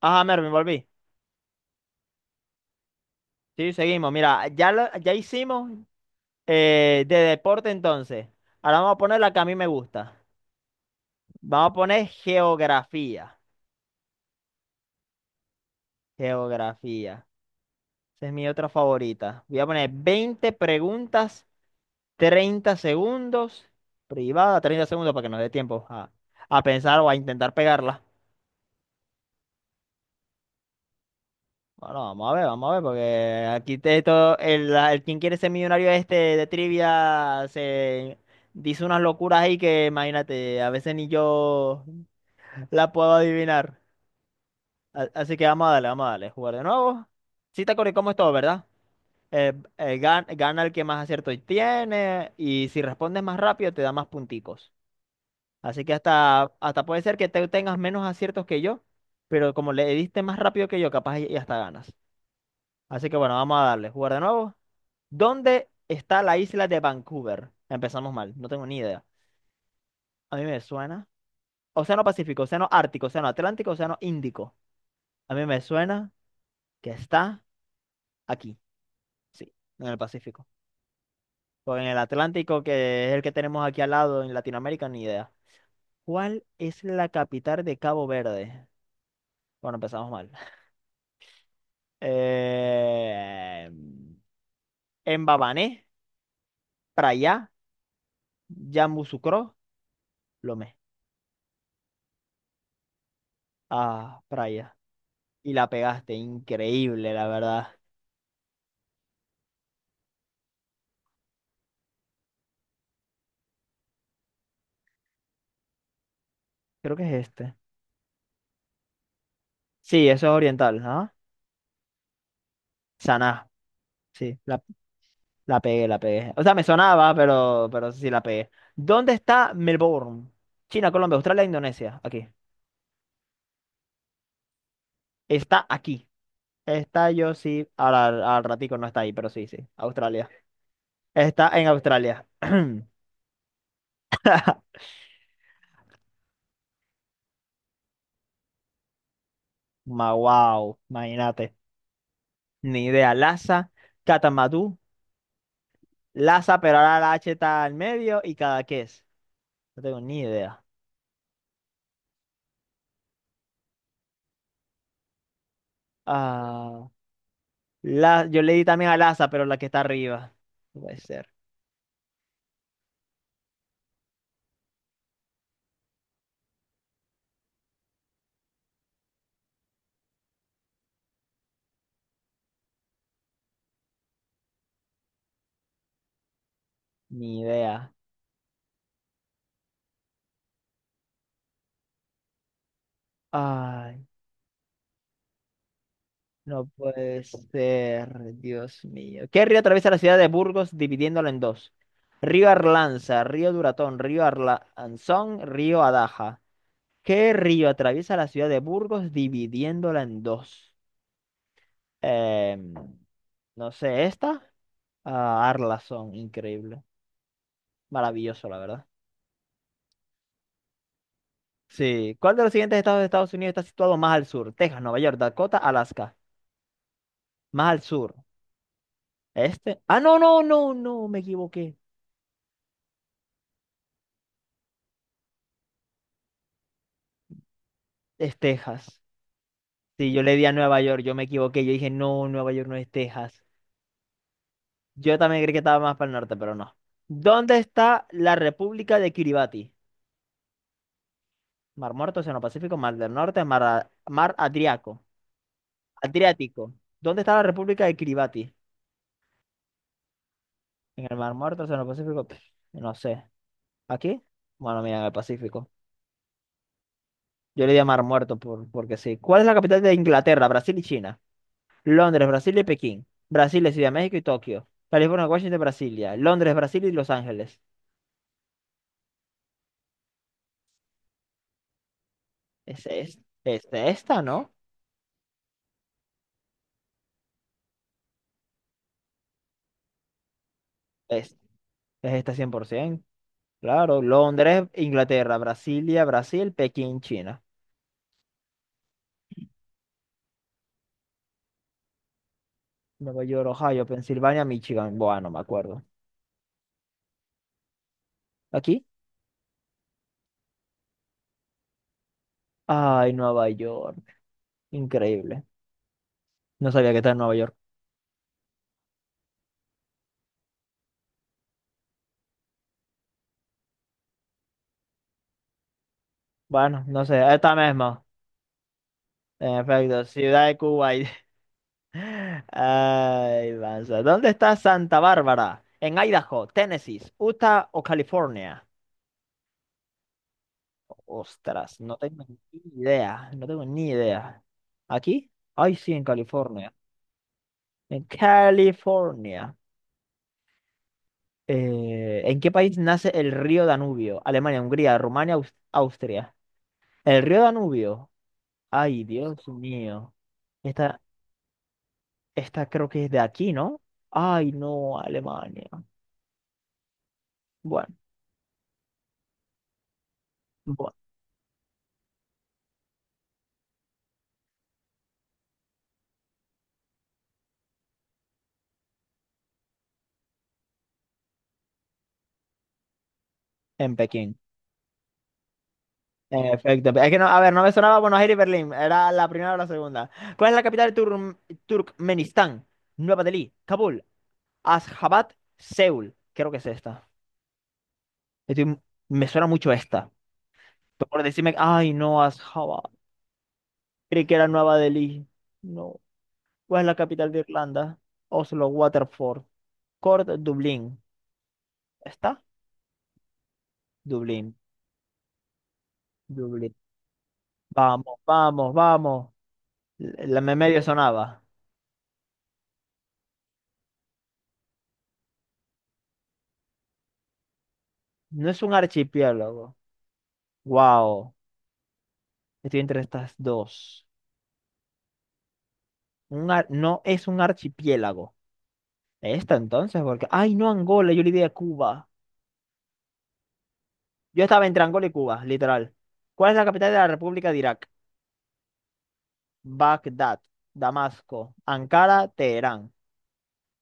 Ajá, Mervin, volví. Sí, seguimos. Mira, ya, ya hicimos de deporte entonces. Ahora vamos a poner la que a mí me gusta. Vamos a poner geografía. Geografía. Esa es mi otra favorita. Voy a poner 20 preguntas, 30 segundos. Privada, 30 segundos para que nos dé tiempo a pensar o a intentar pegarla. Bueno, vamos a ver, porque aquí te, todo, el, la- el quien quiere ser millonario este de trivia se dice unas locuras ahí que imagínate, a veces ni yo la puedo adivinar. Así que vamos a darle, jugar de nuevo. Sí te acordé cómo es todo, ¿verdad? Gana el que más aciertos tiene y si respondes más rápido te da más punticos. Así que hasta puede ser que te tengas menos aciertos que yo, pero como le diste más rápido que yo, capaz y hasta ganas. Así que bueno, vamos a darle, jugar de nuevo. ¿Dónde está la isla de Vancouver? Empezamos mal, no tengo ni idea. A mí me suena. Océano Pacífico, Océano Ártico, Océano Atlántico, Océano Índico. A mí me suena que está aquí, sí, en el Pacífico. O en el Atlántico, que es el que tenemos aquí al lado en Latinoamérica, ni idea. ¿Cuál es la capital de Cabo Verde? Bueno, empezamos mal. Eh... Mbabané, Praia, Yamoussoukro, Lomé. Ah, Praia. Y la pegaste, increíble, la verdad. Creo que es este. Sí, eso es oriental, ¿ah? Saná. Sí, la pegué, la pegué. O sea, me sonaba, pero sí la pegué. ¿Dónde está Melbourne? China, Colombia, Australia, Indonesia. Aquí. Está aquí. Está yo sí. Ahora al ratico no está ahí, pero sí, sí. Australia. Está en Australia. Wow, imagínate. Ni idea. Lhasa, Catamatú, Lhasa, pero ahora la H está al medio y cada es. No tengo ni idea. Ah, yo le di también a Laza, pero la que está arriba. No puede ser. Ni idea. Ay, no puede ser. Dios mío. ¿Qué río atraviesa la ciudad de Burgos dividiéndola en dos? Río Arlanza, Río Duratón, Río Arlanzón, Río Adaja. ¿Qué río atraviesa la ciudad de Burgos dividiéndola en dos? Em, no sé, ¿esta? Ah, Arlanzón, increíble. Maravilloso, la verdad. Sí. ¿Cuál de los siguientes estados de Estados Unidos está situado más al sur? Texas, Nueva York, Dakota, Alaska. Más al sur. Este. Ah, no, no, no, no, me equivoqué. Es Texas. Sí, yo le di a Nueva York, yo me equivoqué. Yo dije, no, Nueva York no es Texas. Yo también creí que estaba más para el norte, pero no. ¿Dónde está la República de Kiribati? Mar Muerto, Océano Pacífico, Mar del Norte, Mar, A- Mar Adriaco- Adriático. ¿Dónde está la República de Kiribati? En el Mar Muerto, Océano Pacífico. Pff, no sé. ¿Aquí? Bueno, mira, en el Pacífico. Yo le di a Mar Muerto porque sí. ¿Cuál es la capital de Inglaterra, Brasil y China? Londres, Brasil y Pekín. Brasil, es Ciudad de México y Tokio. California, Washington, Brasilia. Londres, Brasil y Los Ángeles. Es esta, ¿no? Es, es esta 100%. Claro, Londres, Inglaterra, Brasilia, Brasil, Pekín, China. Nueva York, Ohio, Pensilvania, Michigan. Bueno, me acuerdo. ¿Aquí? Ay, Nueva York. Increíble. No sabía que está en Nueva York. Bueno, no sé. Esta misma. En efecto, Ciudad de Cuba. Ay, Vanza. ¿Dónde está Santa Bárbara? ¿En Idaho, Tennessee, Utah o California? Ostras, no tengo ni idea. No tengo ni idea. ¿Aquí? Ay, sí, en California. En California. ¿En qué país nace el río Danubio? Alemania, Hungría, Rumania, Austria. El río Danubio. Ay, Dios mío. Esta, esta creo que es de aquí, ¿no? Ay, no, Alemania. Bueno, bueno, en Pekín. En efecto, es que no, a ver, no me sonaba Buenos Aires y Berlín, era la primera o la segunda. ¿Cuál es la capital de Turkmenistán? Nueva Delhi, Kabul, Ashgabat, Seúl. Creo que es esta. Estoy- m- me suena mucho esta. Por decirme, ay, no, Ashgabat. Creí que era Nueva Delhi. No. ¿Cuál es la capital de Irlanda? Oslo, Waterford, Cork, Dublín. ¿Está? Dublín, Dublín. Vamos, vamos, vamos. Me medio sonaba. No es un archipiélago. Wow. Estoy entre estas dos. No es un archipiélago. Esta entonces, porque. Ay, no Angola, yo le di a Cuba. Yo estaba entre Angola y Cuba, literal. ¿Cuál es la capital de la República de Irak? Bagdad, Damasco, Ankara, Teherán.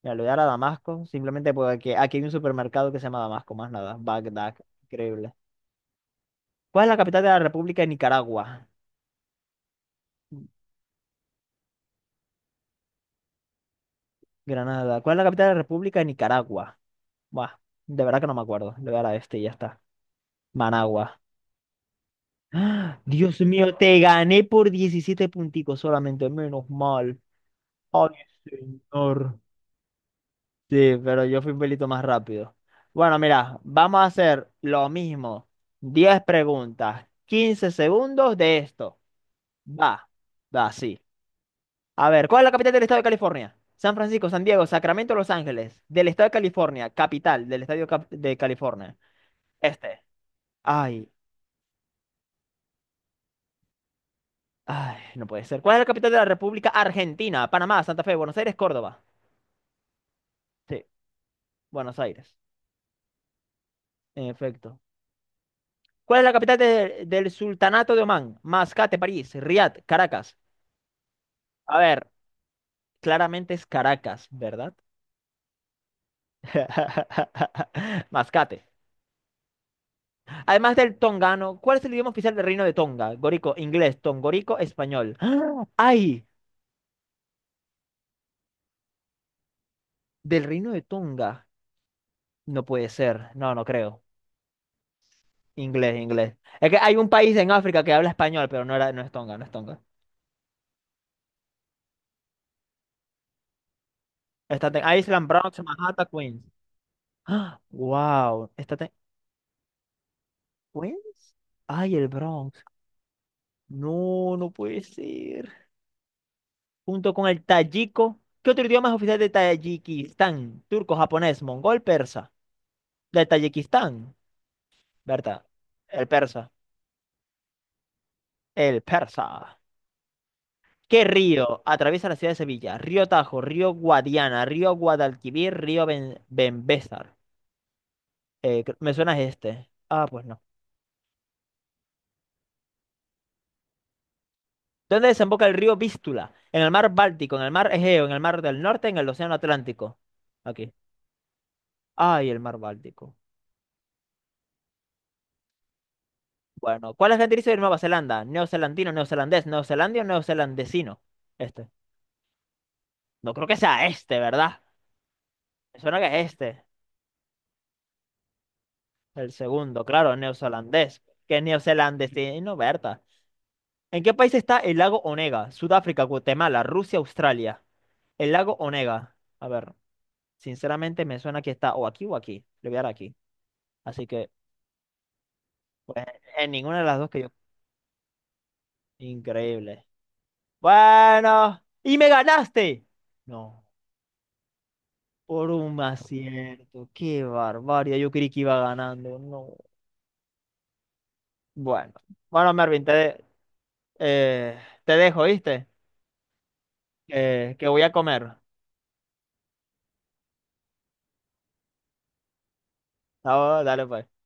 Mira, le voy a dar a Damasco, simplemente porque aquí hay un supermercado que se llama Damasco, más nada. Bagdad, increíble. ¿Cuál es la capital de la República de Nicaragua? Granada. ¿Cuál es la capital de la República de Nicaragua? Buah, de verdad que no me acuerdo. Le voy a dar a este y ya está. Managua. ¡Ah! Dios mío, te gané por 17 punticos solamente, menos mal. Ay, señor. Sí, pero yo fui un pelito más rápido. Bueno, mira, vamos a hacer lo mismo. 10 preguntas, 15 segundos de esto. Va, va, sí. A ver, ¿cuál es la capital del estado de California? San Francisco, San Diego, Sacramento, Los Ángeles. Del estado de California, capital del estado de California. Este. Ay, ay, no puede ser. ¿Cuál es la capital de la República Argentina? Panamá, Santa Fe, Buenos Aires, Córdoba. Sí, Buenos Aires, en efecto. ¿Cuál es la capital del Sultanato de Omán? Mascate, París, Riad, Caracas. A ver, claramente es Caracas, ¿verdad? Mascate. Además del tongano, ¿cuál es el idioma oficial del Reino de Tonga? Gorico, inglés, tongorico, español. ¡Ah! ¡Ay! Del Reino de Tonga. No puede ser. No, no creo. Inglés, inglés. Es que hay un país en África que habla español, pero no era, no es Tonga, no es Tonga. Está en Island, Bronx, Manhattan, Queens. Wow, pues, ay, el Bronx. No, no puede ser. Junto con el tayiko. ¿Qué otro idioma es oficial de Tayikistán? Turco, japonés, mongol, persa. De Tayikistán, ¿verdad? El persa. El persa. ¿Qué río atraviesa la ciudad de Sevilla? Río Tajo, río Guadiana, río Guadalquivir, río Benbésar. Me suena este. Ah, pues no. ¿Dónde desemboca el río Vístula? En el mar Báltico, en el mar Egeo, en el mar del Norte, en el Océano Atlántico. Ok. Ay, el mar Báltico. Bueno, ¿cuál es la gentilicio de Nueva Zelanda? Neozelandino, neozelandés, neozelandio, neozelandesino. Este. No creo que sea este, ¿verdad? Me suena que es este. El segundo, claro, neozelandés. Que neozelandesino, Berta. ¿En qué país está el lago Onega? Sudáfrica, Guatemala, Rusia, Australia. El lago Onega. A ver, sinceramente me suena que está o aquí o aquí. Le voy a dar aquí. Así que, pues, en ninguna de las dos que yo. Increíble. Bueno, y me ganaste. No. Por un acierto, qué barbaridad. Yo creí que iba ganando. No. Bueno, bueno, Mervin, eh, te dejo, ¿viste? Que voy a comer. Ah, dale, pues.